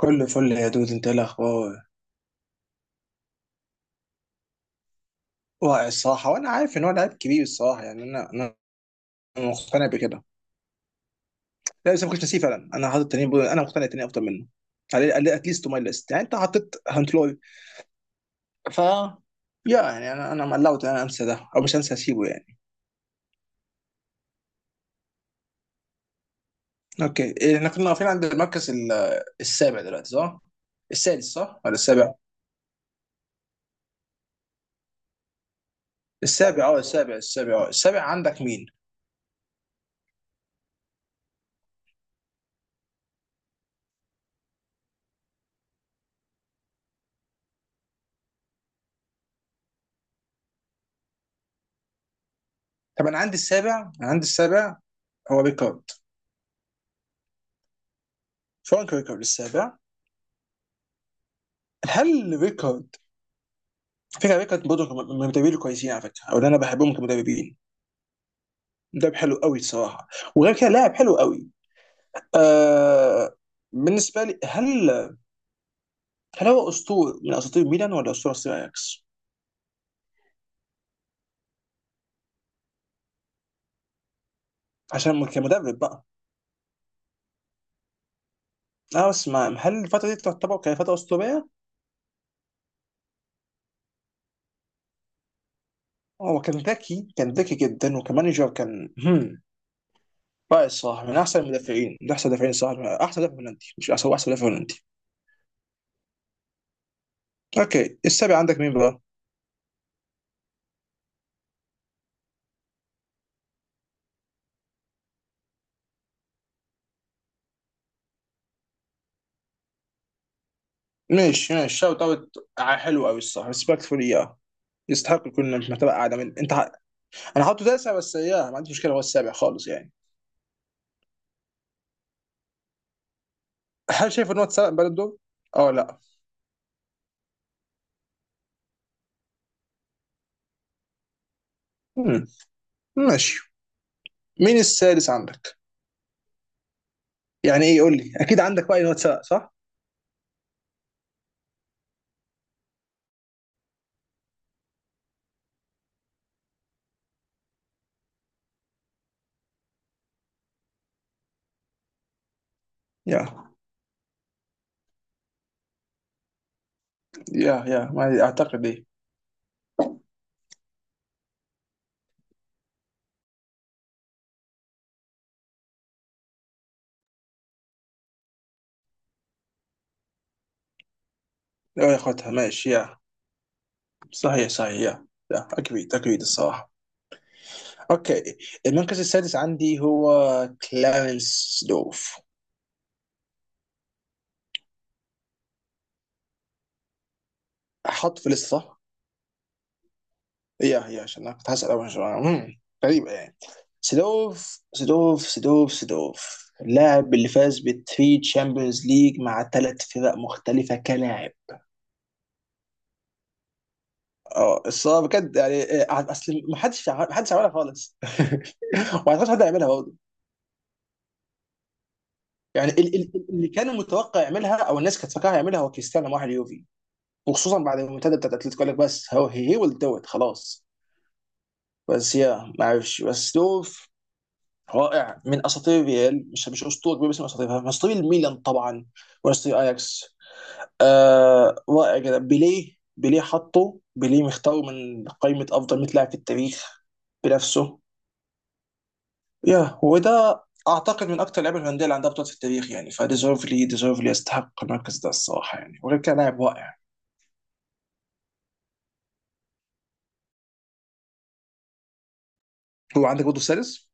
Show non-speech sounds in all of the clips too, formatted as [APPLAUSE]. كله فل يا دود، انت ايه الاخبار؟ واعي الصراحه، وانا عارف ان هو لعيب كبير الصراحه يعني انا أنا مقتنع بكده. لا بس ما كنتش نسيه فعلا، انا حاطط تاني انا مقتنع تاني افضل منه على اتليست تو ماي ليست. يعني انت حطيت هانت لوري، ف يا يعني انا مقلعت، انا انسى ده؟ او مش هنسى اسيبه يعني. اوكي احنا كنا واقفين عند المركز السابع دلوقتي، صح؟ السادس صح؟ ولا السابع؟ السابع، اه السابع، اه السابع. عندك مين؟ طب انا عندي السابع، انا عندي السابع. هو ريكارد. فرانك ريكارد السابع. هل ريكارد، على فكرة برضه من المدربين الكويسين، على فكرة أو اللي أنا بحبهم كمدربين. مدرب حلو قوي الصراحة. وغير كده لاعب حلو قوي. آه. بالنسبة لي، هل هو أسطورة من أساطير ميلان ولا أسطورة أساطير أياكس؟ عشان كمدرب بقى. أنا بس ما، هل الفترة دي تعتبر كفترة أسطورية؟ هو كان ذكي، كان ذكي جدا، وكمانجر كان هم رائع الصراحة. من أحسن المدافعين، من أحسن المدافعين الصراحة، من أحسن مدافع هولندي، مش أحسن، هو أحسن مدافع هولندي. أوكي السابع عندك مين بقى؟ ماشي ماشي شوت اوت. حلو قوي الصراحه، ريسبكتفول اياه. يستحق يكون في مرتبه اعلى من انا حاطه تاسع، بس اياه ما عنديش مشكله، هو السابع خالص يعني. هل شايف ان هو اتسرق بالون دور؟ اه لا. مم. ماشي. مين السادس عندك؟ يعني ايه، قول لي، اكيد عندك راي ان هو اتسرق صح؟ يا يا ما اعتقد ايه لو ياخدها. ماشي يا. صحيح صحيح يا. يا اكيد اكيد الصراحه. اوكي. المركز السادس عندي هو كلارنس دوف. حط في لسه. يا عشان انا كنت هسأل أول سؤال. غريبة يعني. سيدورف اللاعب اللي فاز بالثري تشامبيونز ليج مع ثلاث فرق مختلفة كلاعب. اه الصراحة بجد يعني، اصل ما حدش عملها خالص [LAUGHS] وما اعتقدش حد هيعملها برضه. يعني اللي كان متوقع يعملها او الناس كانت فاكرها يعملها هو كريستيانو مع اليوفي. وخصوصا بعد المنتدى بتاعت اتلتيكو، قال لك بس هو هي ويل دو ات خلاص. بس يا ما اعرفش بس دول. رائع، من اساطير الريال، مش اسطوره كبيره، بس من اساطيرها، من اساطير الميلان طبعا. واساطير اياكس. آه رائع جدا. بيليه حطه. بيليه مختاره من قائمه افضل 100 لاعب في التاريخ بنفسه. يا وده اعتقد من اكتر اللعيبه الهولنديه اللي عندها بطولات في التاريخ يعني. فديزيرفلي ديزيرفلي يستحق المركز ده الصراحه يعني. وغير كده لاعب رائع. هو عندك برضه السادس.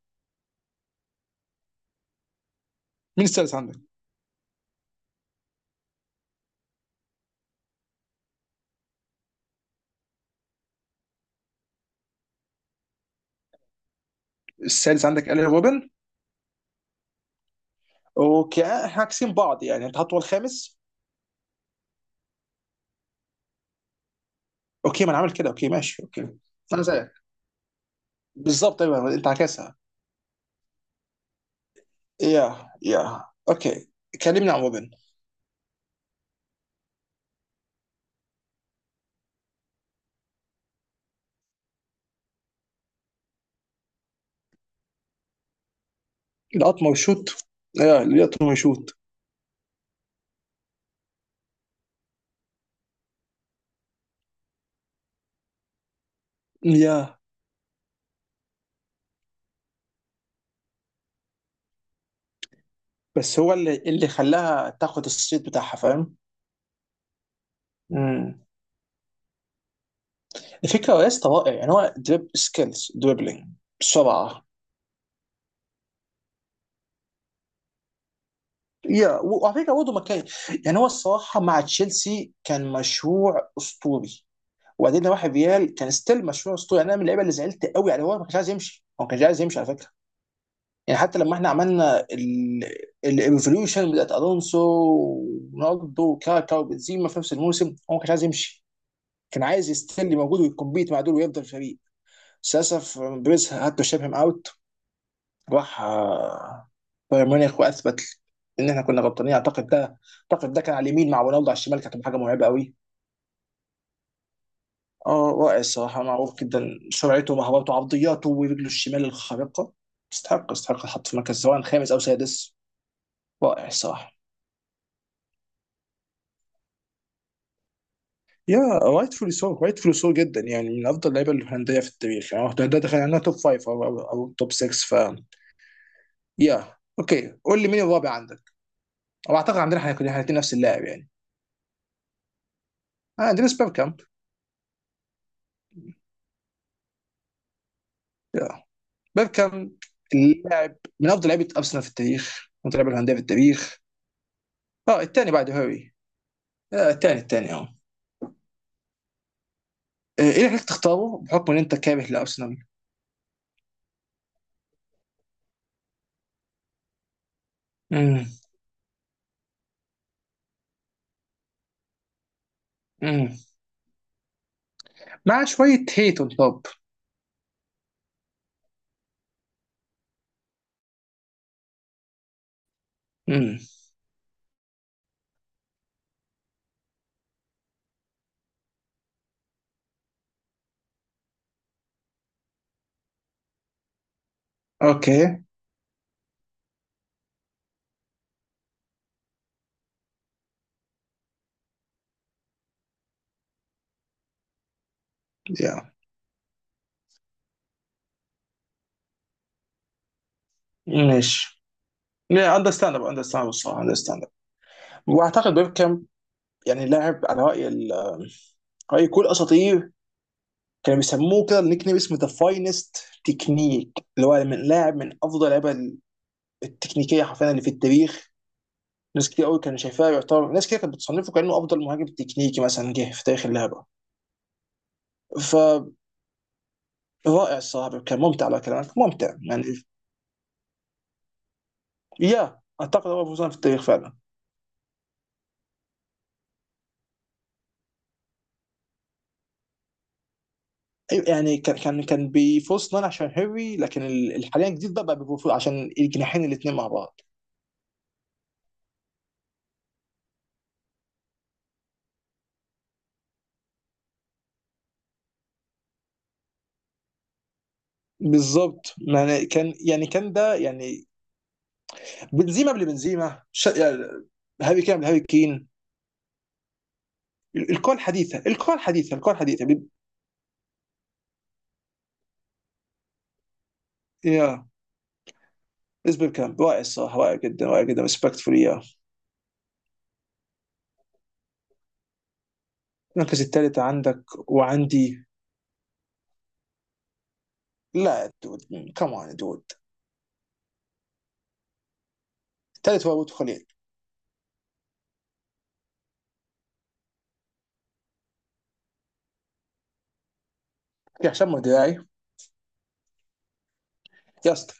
مين السادس عندك؟ السادس عندك الين روبن. اوكي احنا عاكسين بعض يعني، انت حاطه هو الخامس. اوكي ما انا عامل كده. اوكي ماشي اوكي. انا زيك. بالظبط ايوه، انت عكسها. يا اوكي. كلمني عن روبن. القطمه وشوت. يا القطمه وشوت. يا بس هو اللي خلاها تاخد الصيت بتاعها، فاهم. امم. الفكره يا اسطى رائع، يعني هو دريب سكيلز دريبلينج بسرعه. يا وعلى فكره برضه مكان. يعني هو الصراحه مع تشيلسي كان مشروع اسطوري. وبعدين لو واحد ريال كان ستيل مشروع اسطوري يعني، انا من اللعيبه اللي زعلت قوي يعني. هو ما كانش عايز يمشي، هو ما كانش عايز يمشي على فكره. يعني حتى لما احنا عملنا الايفولوشن بتاعت الونسو ورونالدو وكاكا وبنزيما في نفس الموسم، هو ما كانش عايز يمشي. كان عايز يستني موجود ويكمبيت مع دول ويفضل فريق. بس للاسف بريز هاد تو شيب هيم اوت. راح بايرن ميونخ واثبت ان احنا كنا غلطانين. اعتقد ده، كان على اليمين مع رونالدو على الشمال، كانت حاجه مرعبه قوي. اه رائع الصراحه، معروف جدا سرعته ومهاراته وعرضياته ورجله الشمال الخارقه. يستحق الحط في مركز سواء خامس او سادس. رائع الصراحه. يا رايتفولي سو جدا يعني، من افضل اللعيبه الهولنديه في التاريخ يعني. ده دخل عنها توب فايف، أو توب 6. ف يا اوكي، قول لي مين الرابع عندك؟ او اعتقد عندنا احنا كلنا الاثنين نفس اللاعب يعني. عندنا بيركامب. يا بيركامب، اللاعب، من افضل لعيبه ارسنال في التاريخ، من افضل لعيبه الهولنديه في التاريخ. اه الثاني بعد هاري. آه الثاني اه. ايه اللي خلاك تختاره بحكم ان انت كاره لارسنال؟ امم. امم. مع شويه هيت اون توب. امم. اوكي. يا ماشي. لا اندرستاندبل اندرستاندبل الصراحه اندرستاندبل. واعتقد بيبكم، يعني لاعب على راي راي كل اساطير، كانوا بيسموه كده، النيك نيم اسمه ذا فاينست تكنيك. اللي هو من لاعب من افضل اللعيبه التكنيكيه حرفيا اللي في التاريخ. ناس كتير قوي كانوا شايفاه، يعتبر ناس كتير كانت بتصنفه كانه افضل مهاجم تكنيكي مثلا جه في تاريخ اللعبه. فرائع الصراحه، كان ممتع على كلامك، ممتع يعني. يا اعتقد هو فوزان في التاريخ فعلا. يعني كان بيفورس نان عشان هيري. لكن حاليا الجديد ده بقى بيفورس عشان الجناحين الاثنين مع بعض. بالظبط يعني كان، يعني كان ده يعني بنزيما قبل بنزيما، يعني هاري كين قبل هاري كين. الكون الحديثه الكون الحديثه، يا. اسباب كلام رائع الصراحه، رائع جدا، رائع جدا، ريسبكتفول يا. المركز الثالث عندك وعندي. لا دود، كمان دود. الثالث هو ابو خليل. يا هشام مدراي. يا اسطى.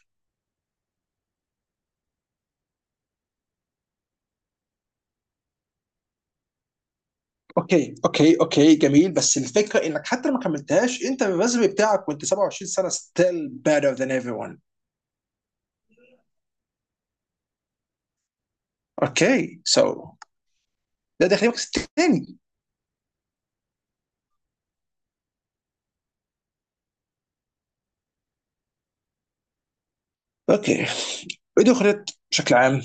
اوكي، جميل. بس الفكره انك حتى لو ما كملتهاش، انت الريزمي بتاعك وانت 27 سنه still better than everyone. اوكي ده داخل المركز الثاني. اوكي. ايه دخلت بشكل عام.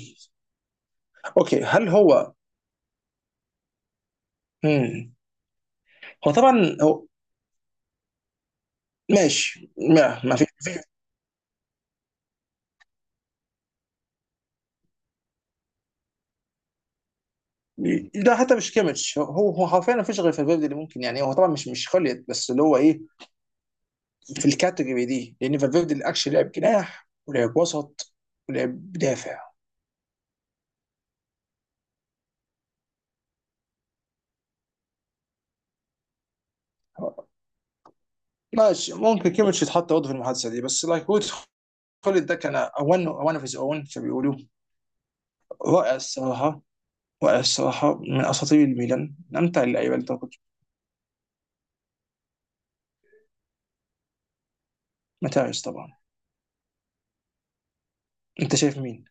اوكي هل هو. مم. هو طبعا هو ماشي. ما ما ده حتى مش كيميتش، هو حرفيا ما فيش غير فالفيردي اللي ممكن. يعني هو طبعا مش خليت، بس اللي هو ايه، في الكاتيجوري دي، لان فالفيردي اللي اكشلي لعب جناح ولعب وسط ولعب دافع. ماشي، ممكن كيميتش يتحط برضه في المحادثه دي بس لايك وود. خالد ده كان اون اون اوف هيز اون، بيقولوا. رائع الصراحه، رائع الصراحه، من اساطير الميلان، من امتع اللعيبه اللي تاخد. متاعش طبعا. انت شايف مين؟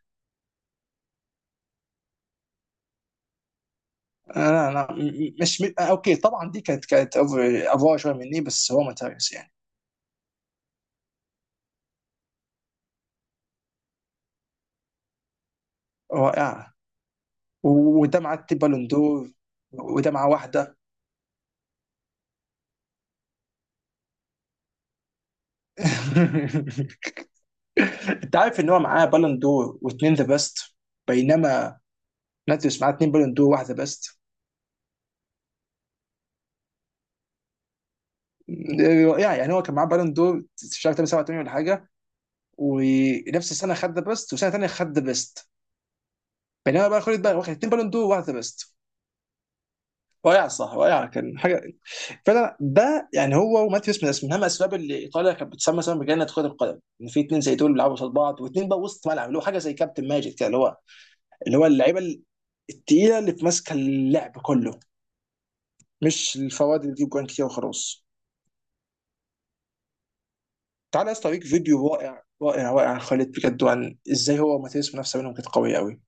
انا مش اوكي، طبعا دي كانت افوار شويه مني، بس هو متاعش يعني. رائع. وده معاه تي بالون دور. وده معاه واحده [LAUGHS] انت عارف ان هو معاه بالون دور واثنين ذا بيست. بينما ناتيوس معاه اثنين بالون دور واحده بيست. يعني هو كان معاه بالون دور في شهر 8 87 ولا حاجه. ونفس السنه خد ذا بيست، وسنه ثانيه خد ذا بيست. بينما بقى خد بقى، واخد اثنين بالون دور وواحد ذا بيست. رائع، صح، رائع، كان حاجه فعلا. ده يعني هو وماتيوس من من اهم الاسباب اللي ايطاليا كانت بتسمى مثلا بجنه كره القدم، ان في اثنين زي دول بيلعبوا قصاد بعض، واثنين بقى وسط ملعب، اللي هو حاجه زي كابتن ماجد كده، اللي هو اللعيبه الثقيله اللي في ماسكه اللعب كله، مش الفواد اللي بتجيب جوان كتير وخلاص. تعالى يا اسطى اوريك فيديو رائع، رائع، رائع، عن خالد بجد، وعن ازاي هو وماتياس منافسه بينهم كانت قويه قوي.